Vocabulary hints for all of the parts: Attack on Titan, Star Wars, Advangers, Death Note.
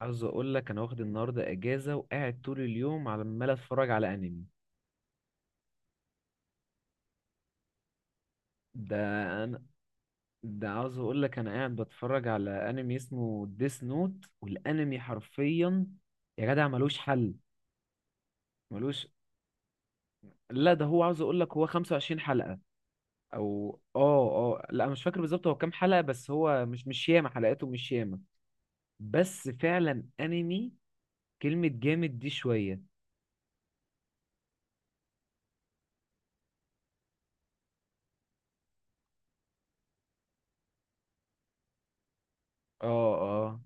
عاوز اقول لك انا واخد النهارده اجازه وقاعد طول اليوم على عمال اتفرج على انمي. ده انا ده عاوز اقول لك انا قاعد بتفرج على انمي اسمه ديس نوت. والانمي حرفيا يا جدع ملوش حل. ملوش لا ده هو عاوز اقول لك هو 25 حلقه. او اه اه لا، أنا مش فاكر بالظبط هو كام حلقه، بس هو مش ياما، حلقاته مش ياما. بس فعلا انمي، كلمه جامد دي شويه. اه اه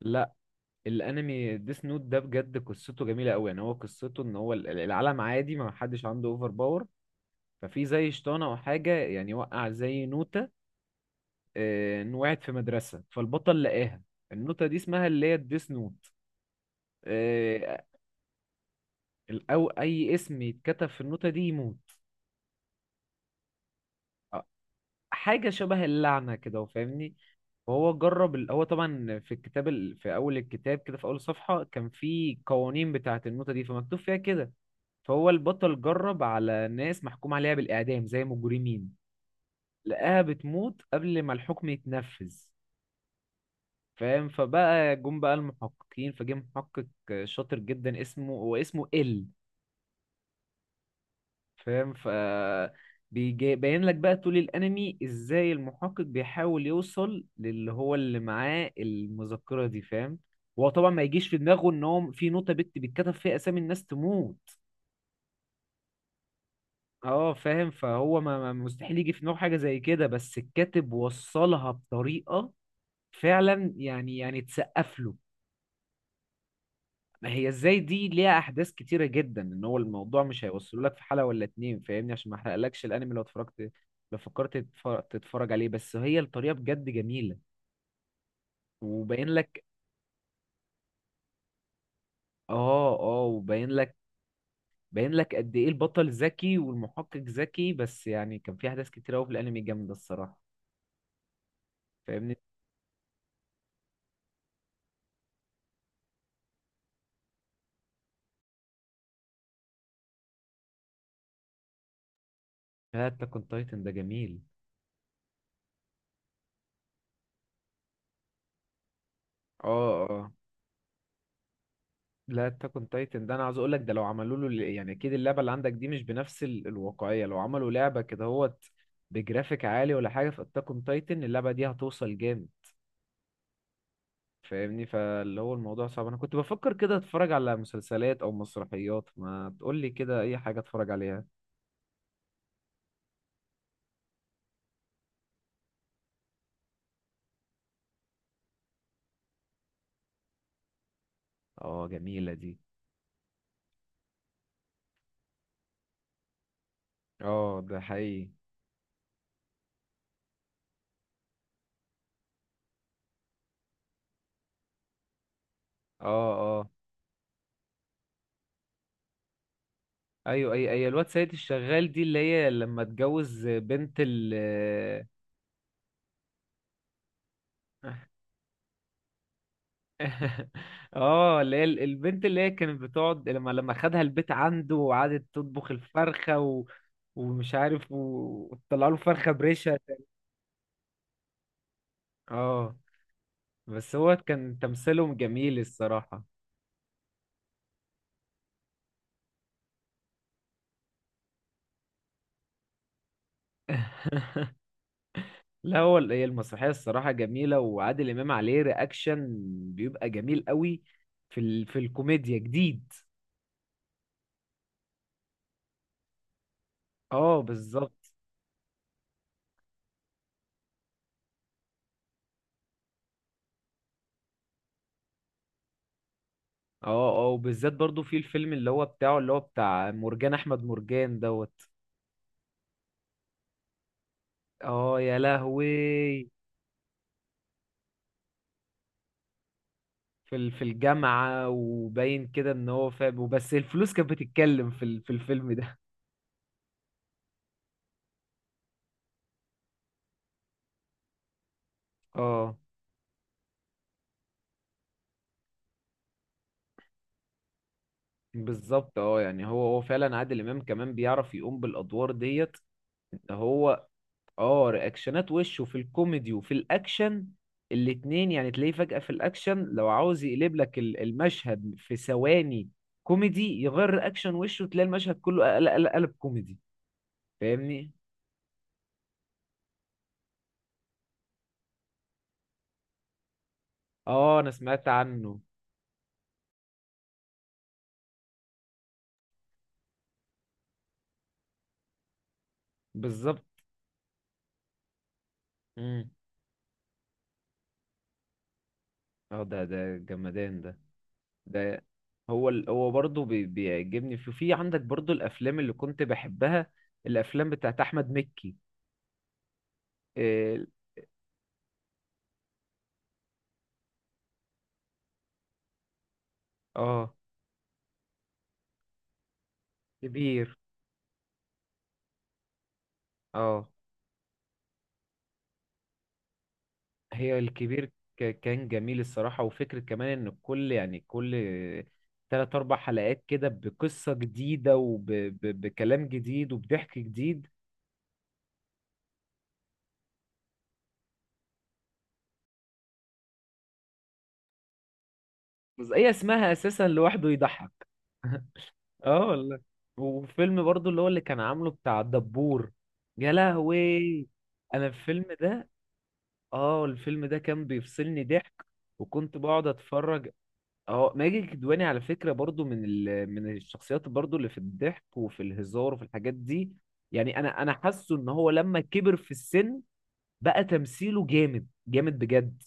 لا، الانمي ديس نوت ده بجد قصته جميله قوي. يعني هو قصته ان هو العالم عادي، ما حدش عنده اوفر باور. ففي زي شيطان او حاجه، يعني وقع زي نوته. آه، إن وقعت في مدرسه فالبطل لقاها. النوته دي اسمها اللي هي الديس نوت. آه، ال- او اي اسم يتكتب في النوته دي يموت. آه، حاجه شبه اللعنه كده وفاهمني. فهو جرب هو طبعا في الكتاب، في اول الكتاب كده في اول صفحه كان في قوانين بتاعه النوته دي، فمكتوب فيها كده. فهو البطل جرب على ناس محكوم عليها بالإعدام زي مجرمين. لقاها بتموت قبل ما الحكم يتنفذ، فاهم. فبقى جم بقى المحققين، فجه محقق شاطر جدا، اسمه هو اسمه ال. فاهم ف. باين لك بقى طول الانمي ازاي المحقق بيحاول يوصل للي هو اللي معاه المذكرة دي، فاهم. هو طبعا ما يجيش في دماغه ان هو في نوتة بيتكتب فيها اسامي الناس تموت. اه فاهم. فهو مستحيل يجي في دماغه حاجه زي كده، بس الكاتب وصلها بطريقه فعلا، يعني تسقف له. ما هي ازاي دي ليها احداث كتيره جدا، ان هو الموضوع مش هيوصله لك في حلقه ولا اتنين، فاهمني، عشان ما احرقلكش الانمي لو اتفرجت. لو فكرت تتفرج, تتفرج عليه، بس هي الطريقه بجد جميله. وباين لك. اه اه وباين لك، باين لك قد ايه البطل ذكي والمحقق ذكي، بس يعني كان في احداث كتيره قوي في الانمي جامده الصراحه، فاهمني. هات كنت تايتن ده جميل. اه اه لا، تكن تايتن ده انا عاوز اقول لك، ده لو عملوا له يعني اكيد اللعبه اللي عندك دي مش بنفس الواقعيه. لو عملوا لعبه كده هوت بجرافيك عالي ولا حاجه في اتاكون تايتن، اللعبه دي هتوصل جامد، فاهمني. فاللي هو الموضوع صعب. انا كنت بفكر كده اتفرج على مسلسلات او مسرحيات، ما تقول لي كده اي حاجه اتفرج عليها. اه جميله دي. اه ده حقيقي. اه اه. ايوه اي اي الواد سيد الشغال دي، اللي هي لما اتجوز بنت ال. اه اللي هي البنت اللي هي كانت بتقعد لما خدها البيت عنده وقعدت تطبخ الفرخة و... ومش عارف وطلع له فرخة بريشة. اه بس هو كان تمثيلهم جميل الصراحة. لا، هو هي المسرحية الصراحة جميلة، وعادل إمام عليه رياكشن بيبقى جميل قوي في ال... في الكوميديا جديد. اه بالظبط. اه اه وبالذات برضو في الفيلم اللي هو بتاعه، اللي هو بتاع مرجان أحمد مرجان دوت. اه يا لهوي. في في الجامعة، وباين كده ان هو فاهم، وبس الفلوس كانت بتتكلم في في الفيلم ده. اه بالظبط. اه يعني هو فعلا عادل امام كمان بيعرف يقوم بالادوار ديت. إن هو. اه رياكشنات وشه في الكوميدي وفي الاكشن الاتنين، يعني تلاقيه فجأة في الاكشن لو عاوز يقلب لك المشهد في ثواني كوميدي، يغير رياكشن وشه تلاقي المشهد كله قلب قلب كوميدي. فاهمني. اه انا سمعت عنه. بالظبط. اه ده ده جمدان ده. ده هو ال... هو برضه بي... بيعجبني في عندك برضه الافلام اللي كنت بحبها، الافلام بتاعت احمد مكي. اه آه، كبير. اه هي الكبير. ك... كان جميل الصراحة، وفكرة كمان ان كل يعني كل تلات اربع حلقات كده بقصة جديدة وبكلام جديد وبضحك جديد. بس هي اسمها اساسا لوحده يضحك. اه والله. وفيلم برضو اللي هو اللي كان عامله بتاع الدبور. يا لهوي. انا الفيلم ده، اه الفيلم ده كان بيفصلني ضحك، وكنت بقعد اتفرج. اه ماجد الكدواني على فكرة برضو من ال... من الشخصيات برضو اللي في الضحك وفي الهزار وفي الحاجات دي. يعني انا حاسه ان هو لما كبر في السن، بقى تمثيله جامد جامد بجد.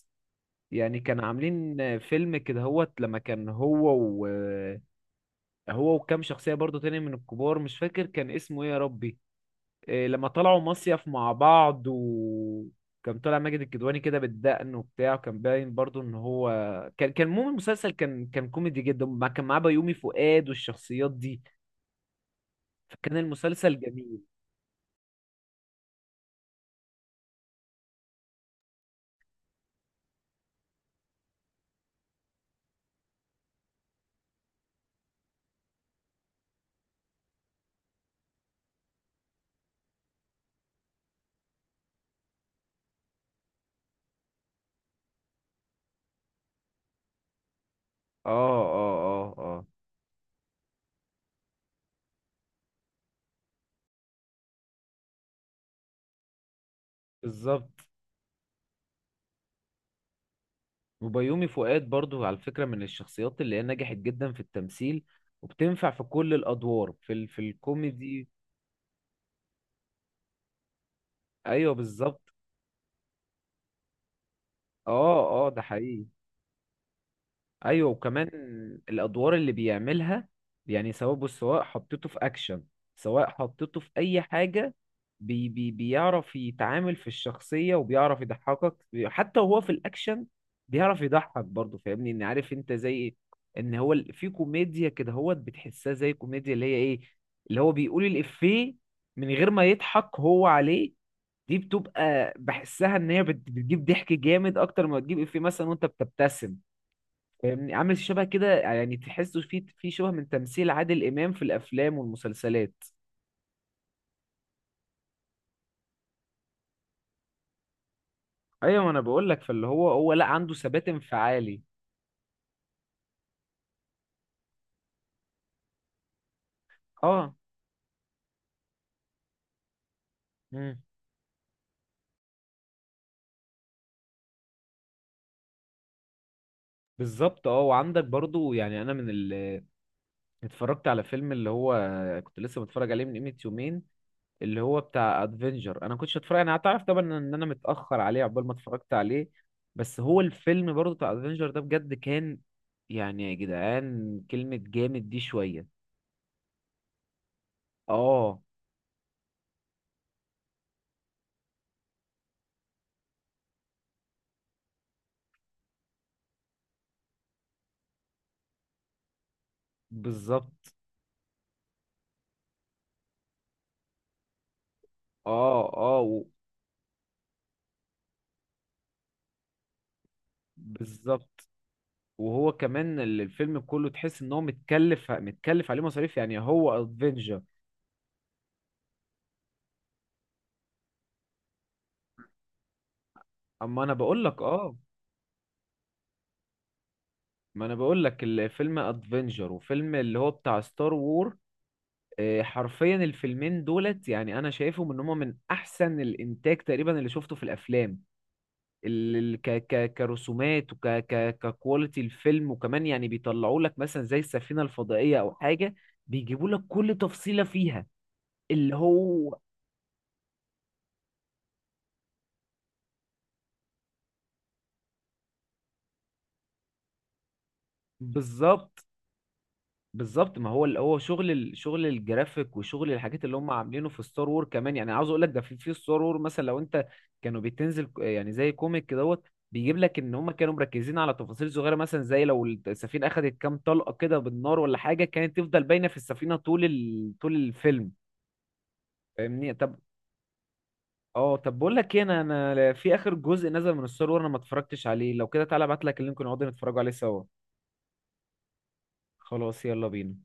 يعني كان عاملين فيلم كده هوت لما كان هو، هو وكام شخصية برضو تاني من الكبار، مش فاكر كان اسمه ايه يا ربي، إيه، لما طلعوا مصيف مع بعض، وكان طالع ماجد الكدواني كده بالدقن وبتاع، وكان باين برضو ان هو كان المهم المسلسل كان كوميدي جدا، كان معاه بيومي فؤاد والشخصيات دي. فكان المسلسل جميل. اه اه اه اه بالظبط. وبيومي فؤاد برضو على فكرة من الشخصيات اللي هي نجحت جدا في التمثيل، وبتنفع في كل الأدوار في ال... في الكوميدي. ايوه بالظبط. اه اه ده حقيقي. ايوه وكمان الادوار اللي بيعملها، يعني سواء بص سواء حطيته في اكشن، سواء حطيته في اي حاجه، بي بي بيعرف يتعامل في الشخصيه وبيعرف يضحكك حتى وهو في الاكشن، بيعرف يضحك برضه، فاهمني، ان عارف انت زي ايه. ان هو في كوميديا كده هو بتحسها زي كوميديا اللي هي ايه، اللي هو بيقول الافيه من غير ما يضحك هو عليه، دي بتبقى بحسها ان هي بتجيب ضحك جامد اكتر ما تجيب افيه مثلا وانت بتبتسم. فاهمني، عامل شبه كده يعني، تحسه في شبه من تمثيل عادل امام في الافلام والمسلسلات. ايوه ما انا بقول لك، فاللي هو لا عنده ثبات انفعالي. اه مم. بالظبط. اه وعندك برضو، يعني انا من ال، اتفرجت على فيلم اللي هو، كنت لسه متفرج عليه من قيمة يومين، اللي هو بتاع ادفنجر. انا كنتش اتفرج، انا هتعرف طبعا ان انا متأخر عليه عقبال ما اتفرجت عليه. بس هو الفيلم برضو بتاع ادفنجر ده بجد كان، يعني يا جدعان كلمة جامد دي شوية. اه بالظبط. اه اه بالظبط. وهو كمان الفيلم كله تحس ان هو متكلف، متكلف عليه مصاريف، يعني هو ادفنجر. اما انا بقول لك اه. ما انا بقول لك الفيلم ادفنجر وفيلم اللي هو بتاع ستار وور. آه، حرفيا الفيلمين دولت يعني انا شايفهم ان هما من احسن الانتاج تقريبا اللي شفته في الافلام. ال ال- ك ك كرسومات وك ك ككواليتي الفيلم، وكمان يعني بيطلعوا لك مثلا زي السفينة الفضائية او حاجة، بيجيبوا لك كل تفصيلة فيها. اللي هو بالظبط بالظبط. ما هو اللي هو شغل شغل الجرافيك وشغل الحاجات اللي هم عاملينه في ستار وور كمان، يعني عاوز اقول لك ده، في ستار وور مثلا، لو انت كانوا بتنزل يعني زي كوميك كدهوت بيجيب لك ان هم كانوا مركزين على تفاصيل صغيره، مثلا زي لو السفينه اخذت كام طلقه كده بالنار ولا حاجه، كانت تفضل باينه في السفينه طول ال... طول الفيلم. فاهمني. طب اه طب بقول لك ايه، انا، انا في اخر جزء نزل من ستار وور انا ما اتفرجتش عليه. لو كده تعالى ابعت لك اللينك ونقعد نتفرجوا عليه سوا. خلاص يلا بينا.